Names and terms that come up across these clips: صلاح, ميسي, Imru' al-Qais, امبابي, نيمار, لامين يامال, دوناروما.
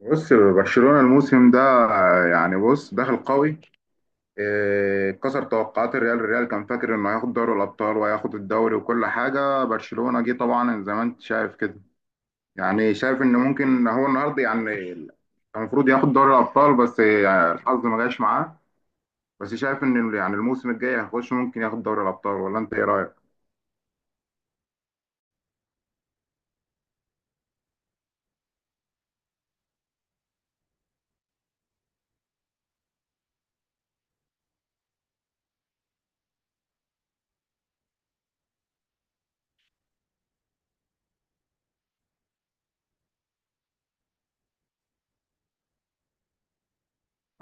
بص برشلونة الموسم ده. يعني بص داخل قوي. كسر توقعات الريال كان فاكر انه هياخد دوري الابطال وهياخد الدوري وكل حاجة. برشلونة جه طبعا زي ما انت شايف كده. يعني شايف ان ممكن هو النهارده يعني كان المفروض ياخد دوري الابطال، بس يعني الحظ ما جاش معاه. بس شايف ان يعني الموسم الجاي هيخش ممكن ياخد دوري الابطال، ولا انت ايه رايك؟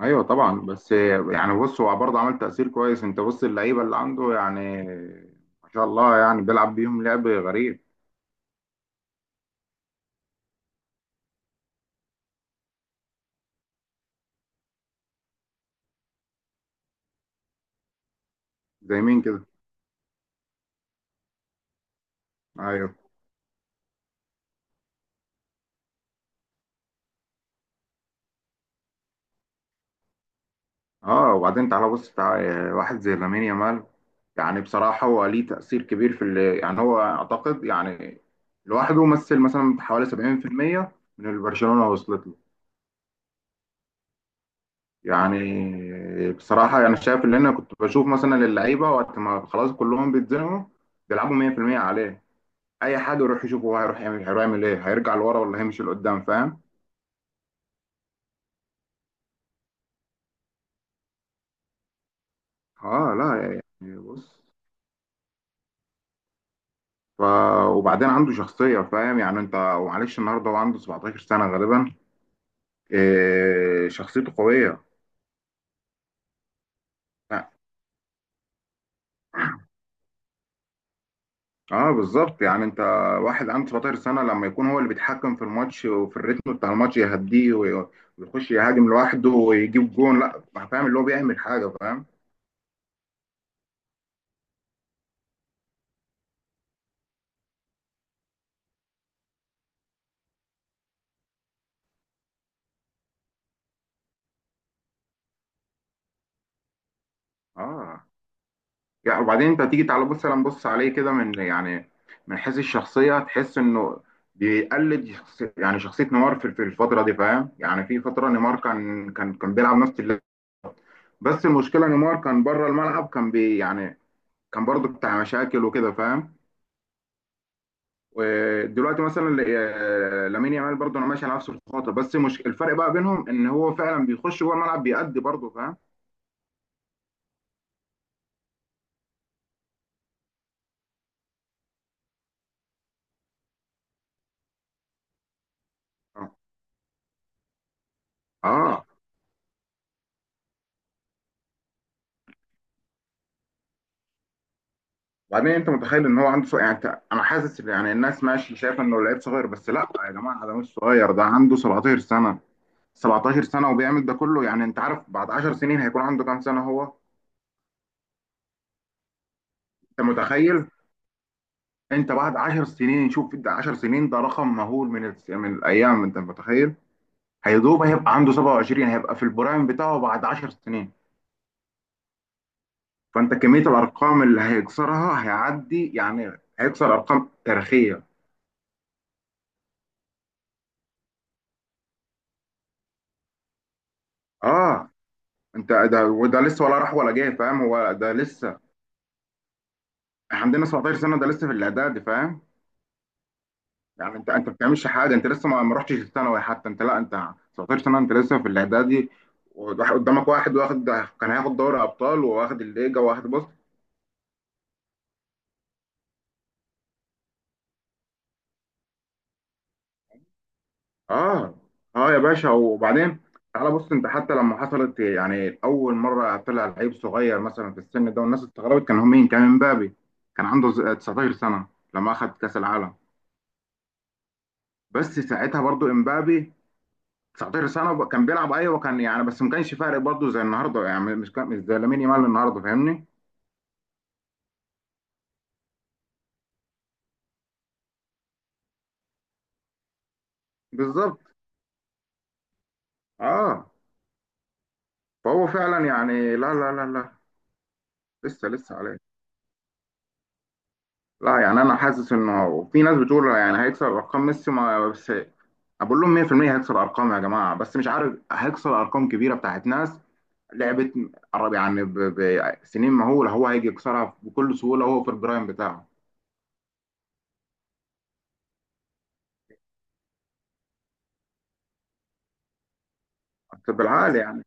ايوه طبعا، بس يعني بص هو برضه عمل تأثير كويس. انت بص اللعيبة اللي عنده، يعني ما شاء الله يعني بيلعب بيهم لعب غريب. زي مين كده؟ ايوه. اه، وبعدين تعالى بص، تعالى واحد زي لامين يامال. يعني بصراحه هو ليه تاثير كبير في اللي يعني هو اعتقد يعني لوحده مثلا حوالي 70% من اللي برشلونه وصلت له. يعني بصراحه يعني شايف اللي انا كنت بشوف مثلا اللعيبه وقت ما خلاص كلهم بيتزنقوا بيلعبوا 100% عليه. اي حد يروح يشوفه هو هيروح يعمل ايه، هيرجع لورا ولا هيمشي لقدام، فاهم؟ اه لا. يعني بص. ف... وبعدين عنده شخصية، فاهم يعني، انت ومعلش النهارده هو عنده 17 سنة غالبا. شخصيته قوية. اه بالظبط. يعني انت واحد عنده 17 سنة لما يكون هو اللي بيتحكم في الماتش وفي الريتم بتاع الماتش يهديه ويخش يهاجم لوحده ويجيب جون، لا فاهم اللي هو بيعمل حاجة، فاهم. اه. يعني وبعدين انت تيجي تعالى بص سلام بص عليه كده من يعني من حيث الشخصيه تحس انه بيقلد شخص، يعني شخصيه نيمار في الفتره دي فاهم يعني. في فتره نيمار كان بيلعب نفس اللعب. بس المشكله نيمار كان بره الملعب، كان يعني كان برضه بتاع مشاكل وكده فاهم. ودلوقتي مثلا لامين يامال برضه انا ماشي على نفس الخطه، بس مش الفرق بقى بينهم ان هو فعلا بيخش جوه الملعب، بيأدي برضه فاهم. اه، وبعدين انت متخيل ان هو عنده صغير. يعني انا حاسس يعني الناس ماشي شايفه انه لعيب صغير، بس لا يا جماعه، ده مش صغير، ده عنده 17 سنه. 17 سنه وبيعمل ده كله. يعني انت عارف بعد 10 سنين هيكون عنده كام سنه هو؟ انت متخيل؟ انت بعد 10 سنين شوف ده، 10 سنين ده رقم مهول، من الايام. انت متخيل؟ هيدوب هيبقى عنده 27، هيبقى في البرايم بتاعه بعد 10 سنين. فانت كميه الارقام اللي هيكسرها هيعدي يعني، هيكسر ارقام تاريخيه. اه. انت ده وده لسه، ولا راح ولا جاي، فاهم. هو ده لسه. احنا عندنا 17 سنه، ده لسه في الاعداد فاهم. يعني انت ما بتعملش حاجه. انت لسه ما رحتش الثانوي حتى، انت لا، انت 17 سنه، انت لسه في الاعدادي. قدامك واحد واخد، كان هياخد دوري ابطال وواخد الليجا، واخد بص. اه. اه يا باشا، وبعدين تعالى بص، انت حتى لما حصلت يعني اول مره طلع لعيب صغير مثلا في السن ده والناس استغربت، كان هو مين؟ كان امبابي. كان عنده 19 سنه لما اخد كاس العالم. بس ساعتها برضو امبابي 19 سنه وب- كان بيلعب، ايوه كان يعني، بس ما كانش فارق برضه زي النهارده يعني. مش زي لامين يامال النهارده، فاهمني. بالظبط. اه. فهو فعلا يعني. لا لا لا لا، لسه لسه عليه. لا يعني انا حاسس انه في ناس بتقول يعني هيكسر ارقام ميسي، ما بس بقول لهم 100% هيكسر ارقام يا جماعه، بس مش عارف هيكسر ارقام كبيره بتاعت ناس لعبت قرب يعني بسنين مهوله. هو هيجي يكسرها بكل سهوله، هو في البرايم بتاعه بالعقل يعني.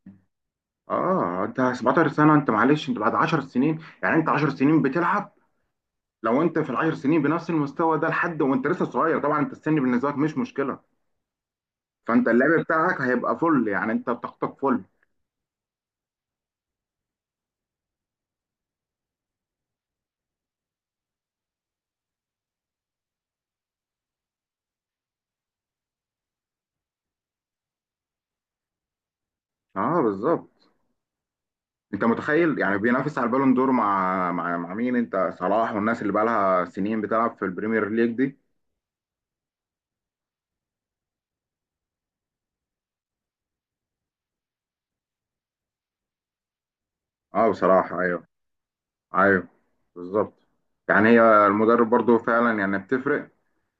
اه، انت 17 سنه، انت معلش، انت بعد 10 سنين، يعني انت 10 سنين بتلعب. لو انت في ال 10 سنين بنفس المستوى ده لحد وانت لسه صغير، طبعا انت السن بالنسبه لك مش مشكله. فانت اللعب بتاعك هيبقى فل، يعني انت طاقتك فل. اه بالظبط. انت متخيل يعني بينافس على البالون دور مع مين؟ انت صلاح والناس اللي بقى لها سنين بتلعب في البريمير ليج دي. اه بصراحه ايوه. ايوه. بالظبط. يعني هي المدرب برضو فعلا يعني بتفرق.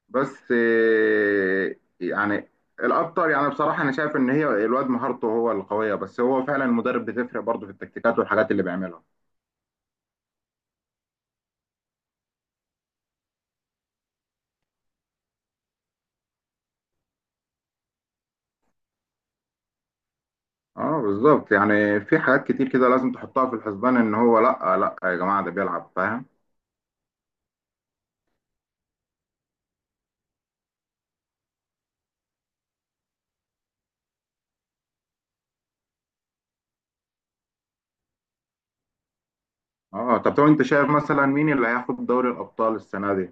بس يعني الاكتر يعني بصراحه انا شايف ان هي الواد مهارته هو القويه، بس هو فعلا المدرب بتفرق برضه في التكتيكات والحاجات اللي بيعملها. اه بالظبط، يعني في حاجات كتير كده لازم تحطها في الحسبان ان هو لا لا يا جماعه ده بيلعب فاهم. اه طب طب انت شايف مثلا مين اللي هياخد دوري الابطال السنه دي؟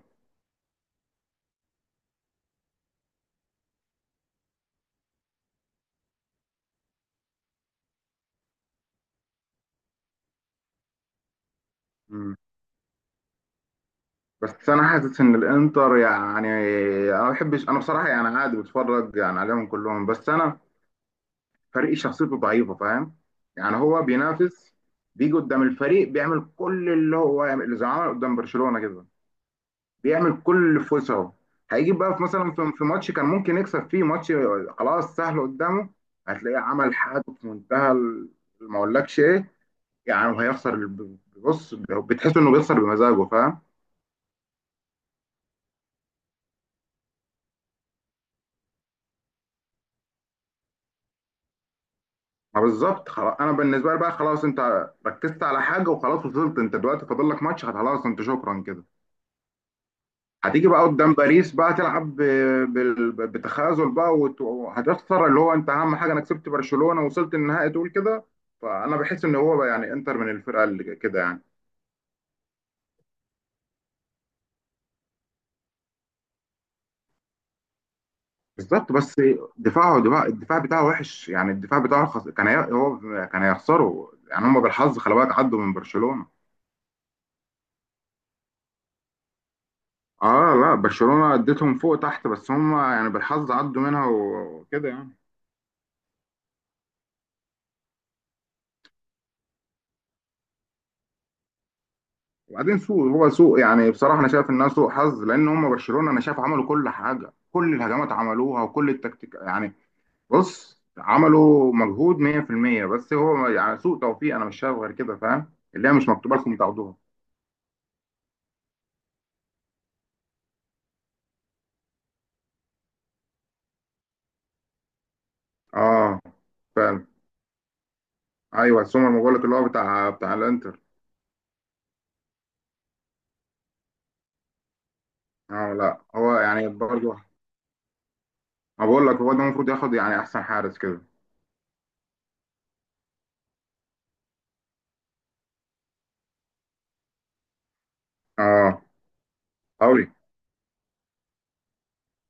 مم. بس انا حاسس ان الانتر يعني انا ما بحبش. انا بصراحه يعني عادي بتفرج يعني عليهم كلهم، بس انا فريق شخصيته ضعيفه فاهم. يعني هو بينافس، بيجي قدام الفريق بيعمل كل اللي هو يعمل، اللي زي ما عمل قدام برشلونه كده. بيعمل كل اللي في وسعه. هيجي بقى في مثلا، في ماتش كان ممكن يكسب فيه ماتش خلاص سهل قدامه، هتلاقيه عمل حاجه في منتهى ما اقولكش ايه يعني. وهيخسر بص بتحس انه بيخسر بمزاجه فاهم. ما بالظبط. خلاص انا بالنسبه لي بقى خلاص، انت ركزت على حاجه وخلاص وصلت، انت دلوقتي فاضل لك ماتش خلاص، انت شكرا كده. هتيجي بقى قدام باريس بقى تلعب بتخاذل بقى وهتخسر اللي هو انت اهم حاجه، انا كسبت برشلونه وصلت النهائي تقول كده. فانا بحس ان هو بقى يعني انتر من الفرقه اللي كده يعني. بالظبط بس. دفاعه دفاع الدفاع بتاعه وحش، يعني الدفاع بتاعه هو كان هيخسروا يعني، هم بالحظ خلي بالك عدوا من برشلونه. اه لا، برشلونه اديتهم فوق تحت، بس هم يعني بالحظ عدوا منها وكده يعني. وبعدين سوء يعني بصراحه انا شايف انها سوء حظ. لان هم برشلونه انا شايف عملوا كل حاجه، كل الهجمات عملوها وكل التكتيك يعني. بص عملوا مجهود 100%، بس هو يعني سوء توفيق، انا مش شايف غير كده، فاهم اللي هي مش مكتوبه لكم تاخدوها. اه فعلا. ايوه سومر، ما بقول لك اللي هو بتاع الانتر. اه لا هو يعني برضه، ما بقول لك هو ده المفروض ياخد يعني احسن حارس كده. اه قوي.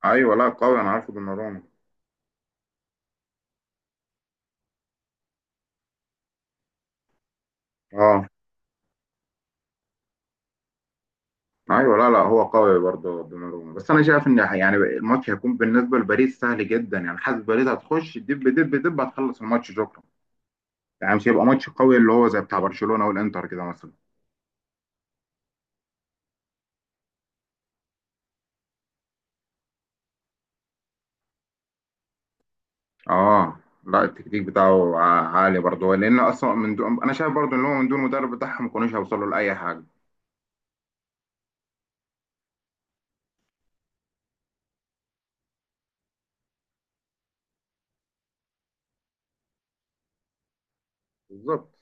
ايوه لا قوي، انا عارفه دوناروما. اه. ايوه لا لا، هو قوي برضه دوناروما. بس انا شايف ان يعني الماتش هيكون بالنسبه لباريس سهل جدا يعني. حاسس باريس هتخش دب دب دب، هتخلص الماتش شكرا. يعني مش هيبقى ماتش قوي اللي هو زي بتاع برشلونه والانتر كده مثلا. اه لا، التكتيك بتاعه عالي برضه، لان اصلا من دون، انا شايف برضه ان هو من دون المدرب بتاعهم ما كانوش هيوصلوا لاي حاجه. بالظبط.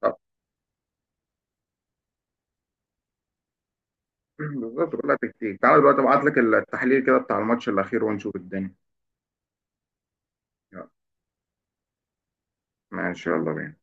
طب، بالظبط كلها تكتيك. تعالى دلوقتي ابعت لك التحليل كده بتاع الماتش الاخير ونشوف الدنيا. يلا. ماشي يلا بينا.